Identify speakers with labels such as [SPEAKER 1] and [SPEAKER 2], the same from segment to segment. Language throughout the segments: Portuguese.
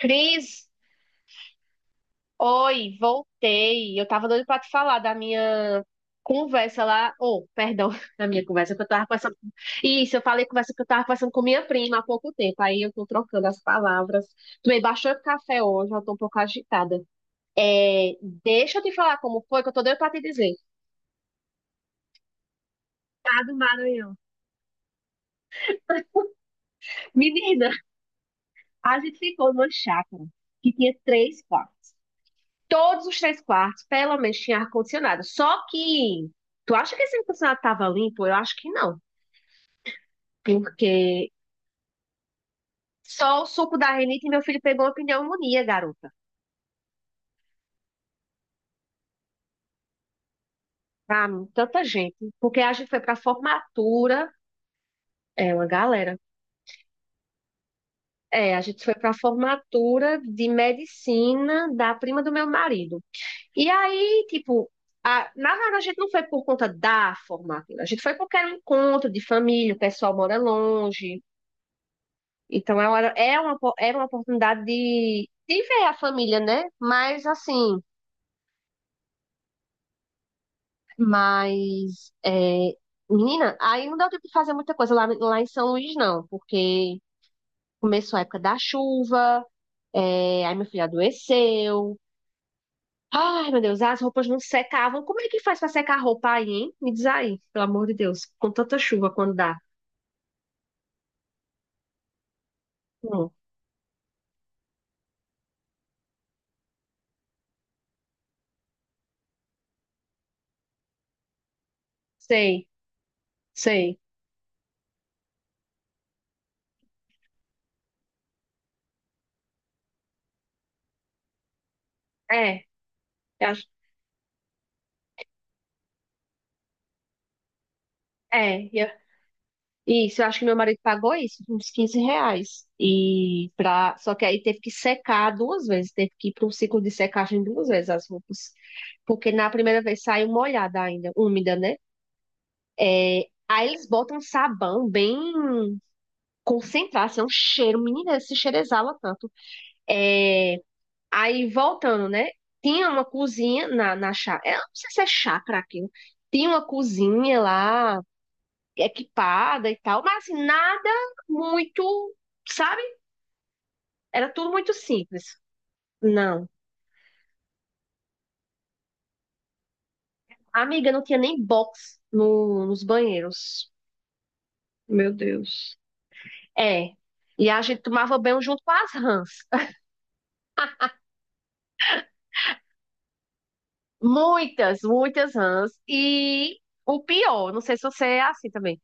[SPEAKER 1] Cris, oi, voltei. Eu tava doida pra te falar da minha conversa lá. Oh, perdão, da minha conversa que eu tava conversando. Isso, eu falei conversa que eu tava conversando com minha prima há pouco tempo. Aí eu tô trocando as palavras. Tomei bastante café hoje, eu tô um pouco agitada. É, deixa eu te falar como foi, que eu tô doida pra te dizer. Tá do Maranhão. Menina, a gente ficou numa chácara que tinha três quartos. Todos os três quartos, pelo menos, tinha ar-condicionado. Só que, tu acha que esse ar-condicionado estava limpo? Eu acho que não. Porque só o suco da rinite, meu filho pegou uma pneumonia, garota. Pra mim, tanta gente. Porque a gente foi pra formatura, é uma galera. É, a gente foi pra formatura de medicina da prima do meu marido. E aí, tipo, na verdade a gente não foi por conta da formatura, a gente foi porque era um encontro de família, o pessoal mora longe. Então ela era, é uma, po- era uma oportunidade de ver a família, né? Mas assim, mas é, menina, aí não deu tempo de fazer muita coisa lá, lá em São Luís, não, porque começou a época da chuva, é, aí meu filho adoeceu. Ai, meu Deus, as roupas não secavam. Como é que faz pra secar a roupa aí, hein? Me diz aí, pelo amor de Deus, com tanta chuva quando dá. Hum, sei, sei. É, eu acho- é, Isso, eu acho que meu marido pagou isso, uns R$ 15. Só que aí teve que secar duas vezes, teve que ir para um ciclo de secagem duas vezes as roupas. Porque na primeira vez saiu molhada ainda, úmida, né? Aí eles botam sabão bem concentrado, assim, é um cheiro, menina, esse cheiro exala tanto. É... Aí voltando, né? Tinha uma cozinha na chácara, eu não sei se é chácara aquilo. Tinha uma cozinha lá, equipada e tal, mas assim, nada muito, sabe? Era tudo muito simples. Não. Amiga, não tinha nem box nos banheiros. Meu Deus. É. E a gente tomava banho junto com as rãs. Muitas, muitas rãs. E o pior, não sei se você é assim também.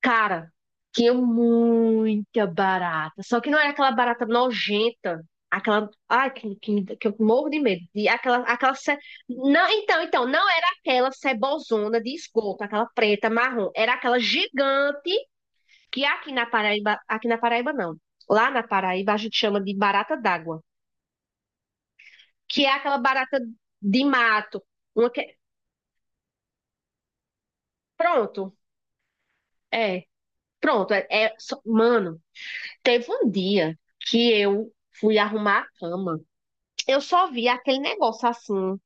[SPEAKER 1] Cara, tinha muita barata. Só que não era aquela barata nojenta. Aquela. Ai, que eu morro de medo. De, aquela, aquela. Ce- Não, então, não era aquela cebozona de esgoto, aquela preta, marrom. Era aquela gigante que aqui na Paraíba. Aqui na Paraíba, não. Lá na Paraíba a gente chama de barata d'água. Que é aquela barata de mato. Uma que- Pronto. É. Pronto. Mano. Teve um dia que eu fui arrumar a cama. Eu só vi aquele negócio assim,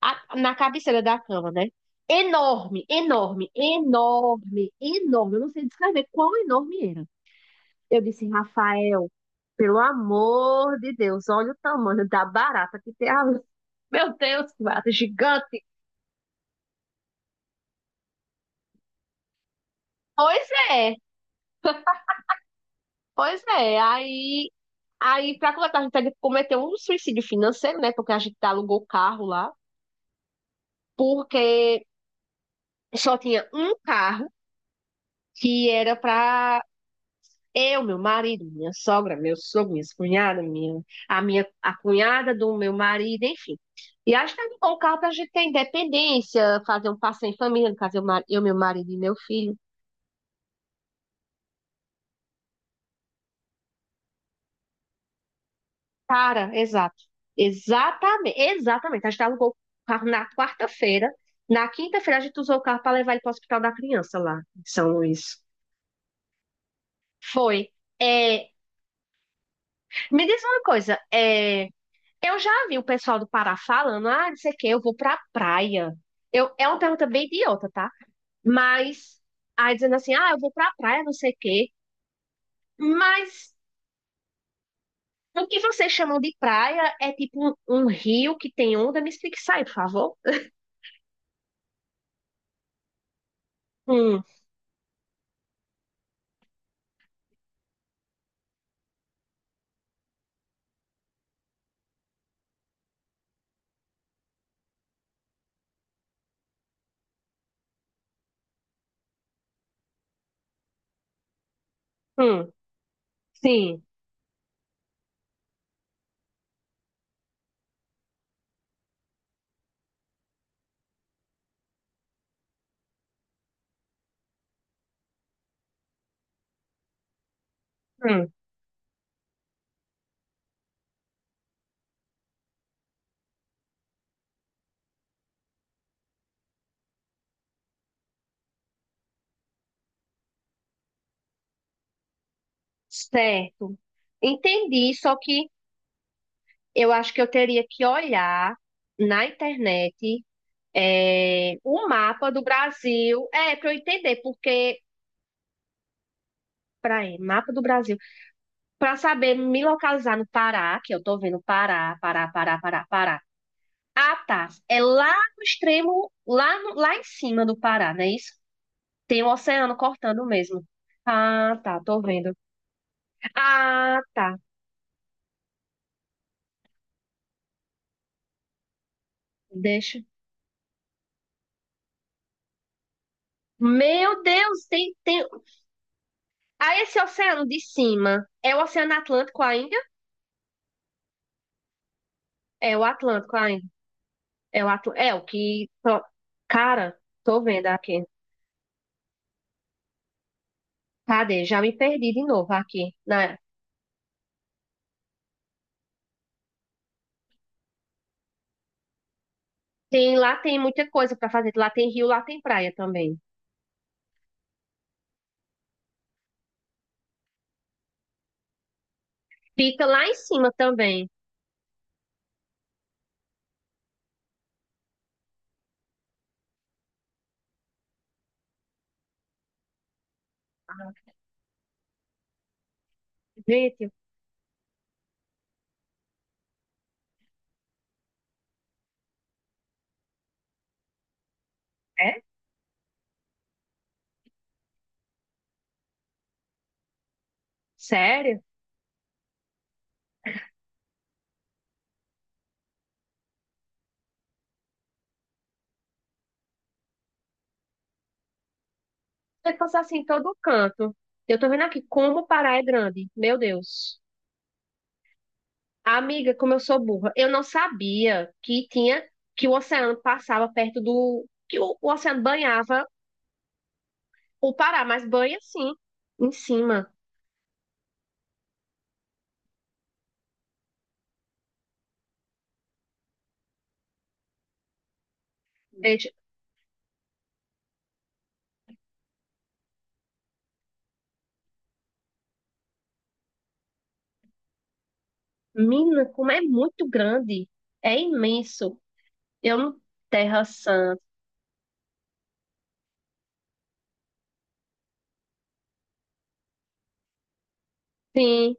[SPEAKER 1] na cabeceira da cama, né? Enorme, enorme, enorme, enorme. Eu não sei descrever quão enorme era. Eu disse, Rafael, pelo amor de Deus, olha o tamanho da barata que tem ali. Meu Deus, que barata gigante. Pois é, pois é. Aí, para completar, a gente cometeu um suicídio financeiro, né? Porque a gente alugou o carro lá. Porque só tinha um carro que era para eu, meu marido, minha sogra, meu sogro, minha cunhada, minha, a minha a cunhada do meu marido, enfim. E acho que era um bom carro para a gente ter independência, fazer um passeio em família, no caso eu, meu marido e meu filho. Cara, exato. Exatamente, exatamente. A gente alugou o carro na quarta-feira. Na quinta-feira a gente usou o carro para levar ele para o hospital da criança lá em São Luís. Foi. É, me diz uma coisa, eu já vi o pessoal do Pará falando, ah, não sei o que, eu vou pra praia. Eu, é uma pergunta bem idiota, tá? Mas, aí dizendo assim, ah, eu vou pra praia, não sei o quê. Mas, o que vocês chamam de praia é tipo um rio que tem onda? Me explique isso aí, por favor. Hum, hum, sim, hum, certo. Entendi, só que eu acho que eu teria que olhar na internet, o mapa do Brasil. É, para eu entender, porque... Peraí, mapa do Brasil. Pra saber me localizar no Pará, que eu tô vendo Pará, Pará, Pará, Pará, Pará. Ah, tá. É lá no extremo, lá, lá em cima do Pará, não é isso? Tem o oceano cortando mesmo. Ah, tá, tô vendo. Ah, tá. Deixa. Meu Deus, tem, tem. Ah, esse oceano de cima é o Oceano Atlântico ainda? É o Atlântico ainda. É o que. Ó, cara, tô vendo aqui. Cadê? Já me perdi de novo aqui. Né? Tem, lá tem muita coisa para fazer. Lá tem rio, lá tem praia também. Fica lá em cima também. Ah. Gente, é? Sério? Vai passar assim em todo canto. Eu tô vendo aqui como o Pará é grande. Meu Deus. Amiga, como eu sou burra. Eu não sabia que tinha que o oceano passava perto do que o oceano banhava o Pará, mas banha sim, em cima. Gente, mina, como é muito grande. É imenso. Eu não Terra Santa. Sim.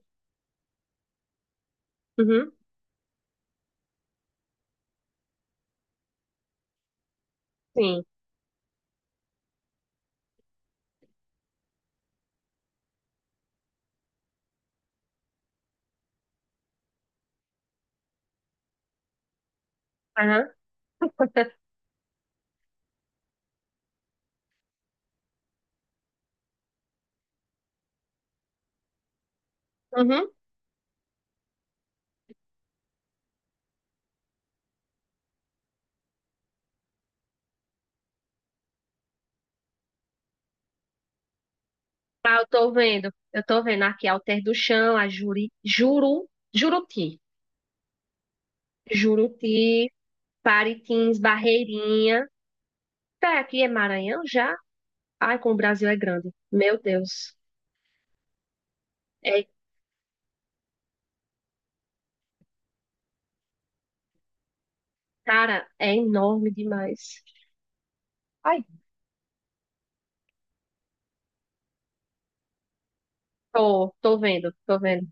[SPEAKER 1] Uhum. Sim. Aham, uhum. Ah, eu tô vendo. Eu tô vendo aqui Alter do Chão, a Juri, Juru, Juruti. Juruti, Paritins, Barreirinha. Tá, aqui é Maranhão já? Ai, como o Brasil é grande. Meu Deus. É, cara, é enorme demais. Ai, tô, tô vendo, tô vendo.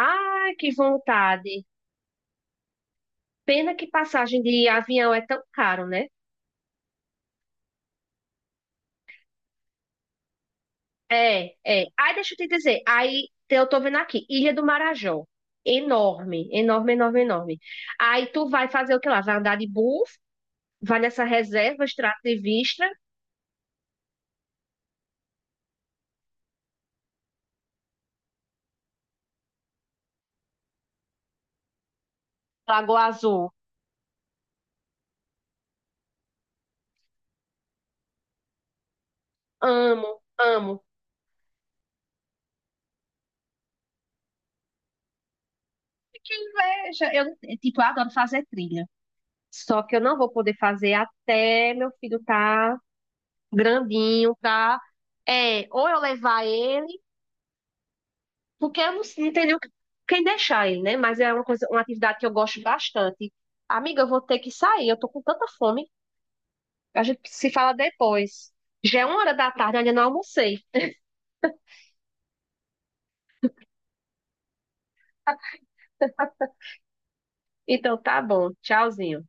[SPEAKER 1] Ai, que vontade. Pena que passagem de avião é tão caro, né? É, é. Aí deixa eu te dizer. Eu tô vendo aqui, Ilha do Marajó. Enorme, enorme, enorme, enorme. Aí tu vai fazer o que lá? Vai andar de bus, vai nessa reserva extrativista, Lagoa Azul. Amo, amo. Que inveja! Eu, tipo, eu adoro fazer trilha. Só que eu não vou poder fazer até meu filho tá grandinho, tá? É, ou eu levar ele, porque eu não, não tenho nem quem deixar ele, né? Mas é uma coisa, uma atividade que eu gosto bastante. Amiga, eu vou ter que sair, eu tô com tanta fome. A gente se fala depois. Já é 1h da tarde, eu ainda não almocei. Então tá bom, tchauzinho.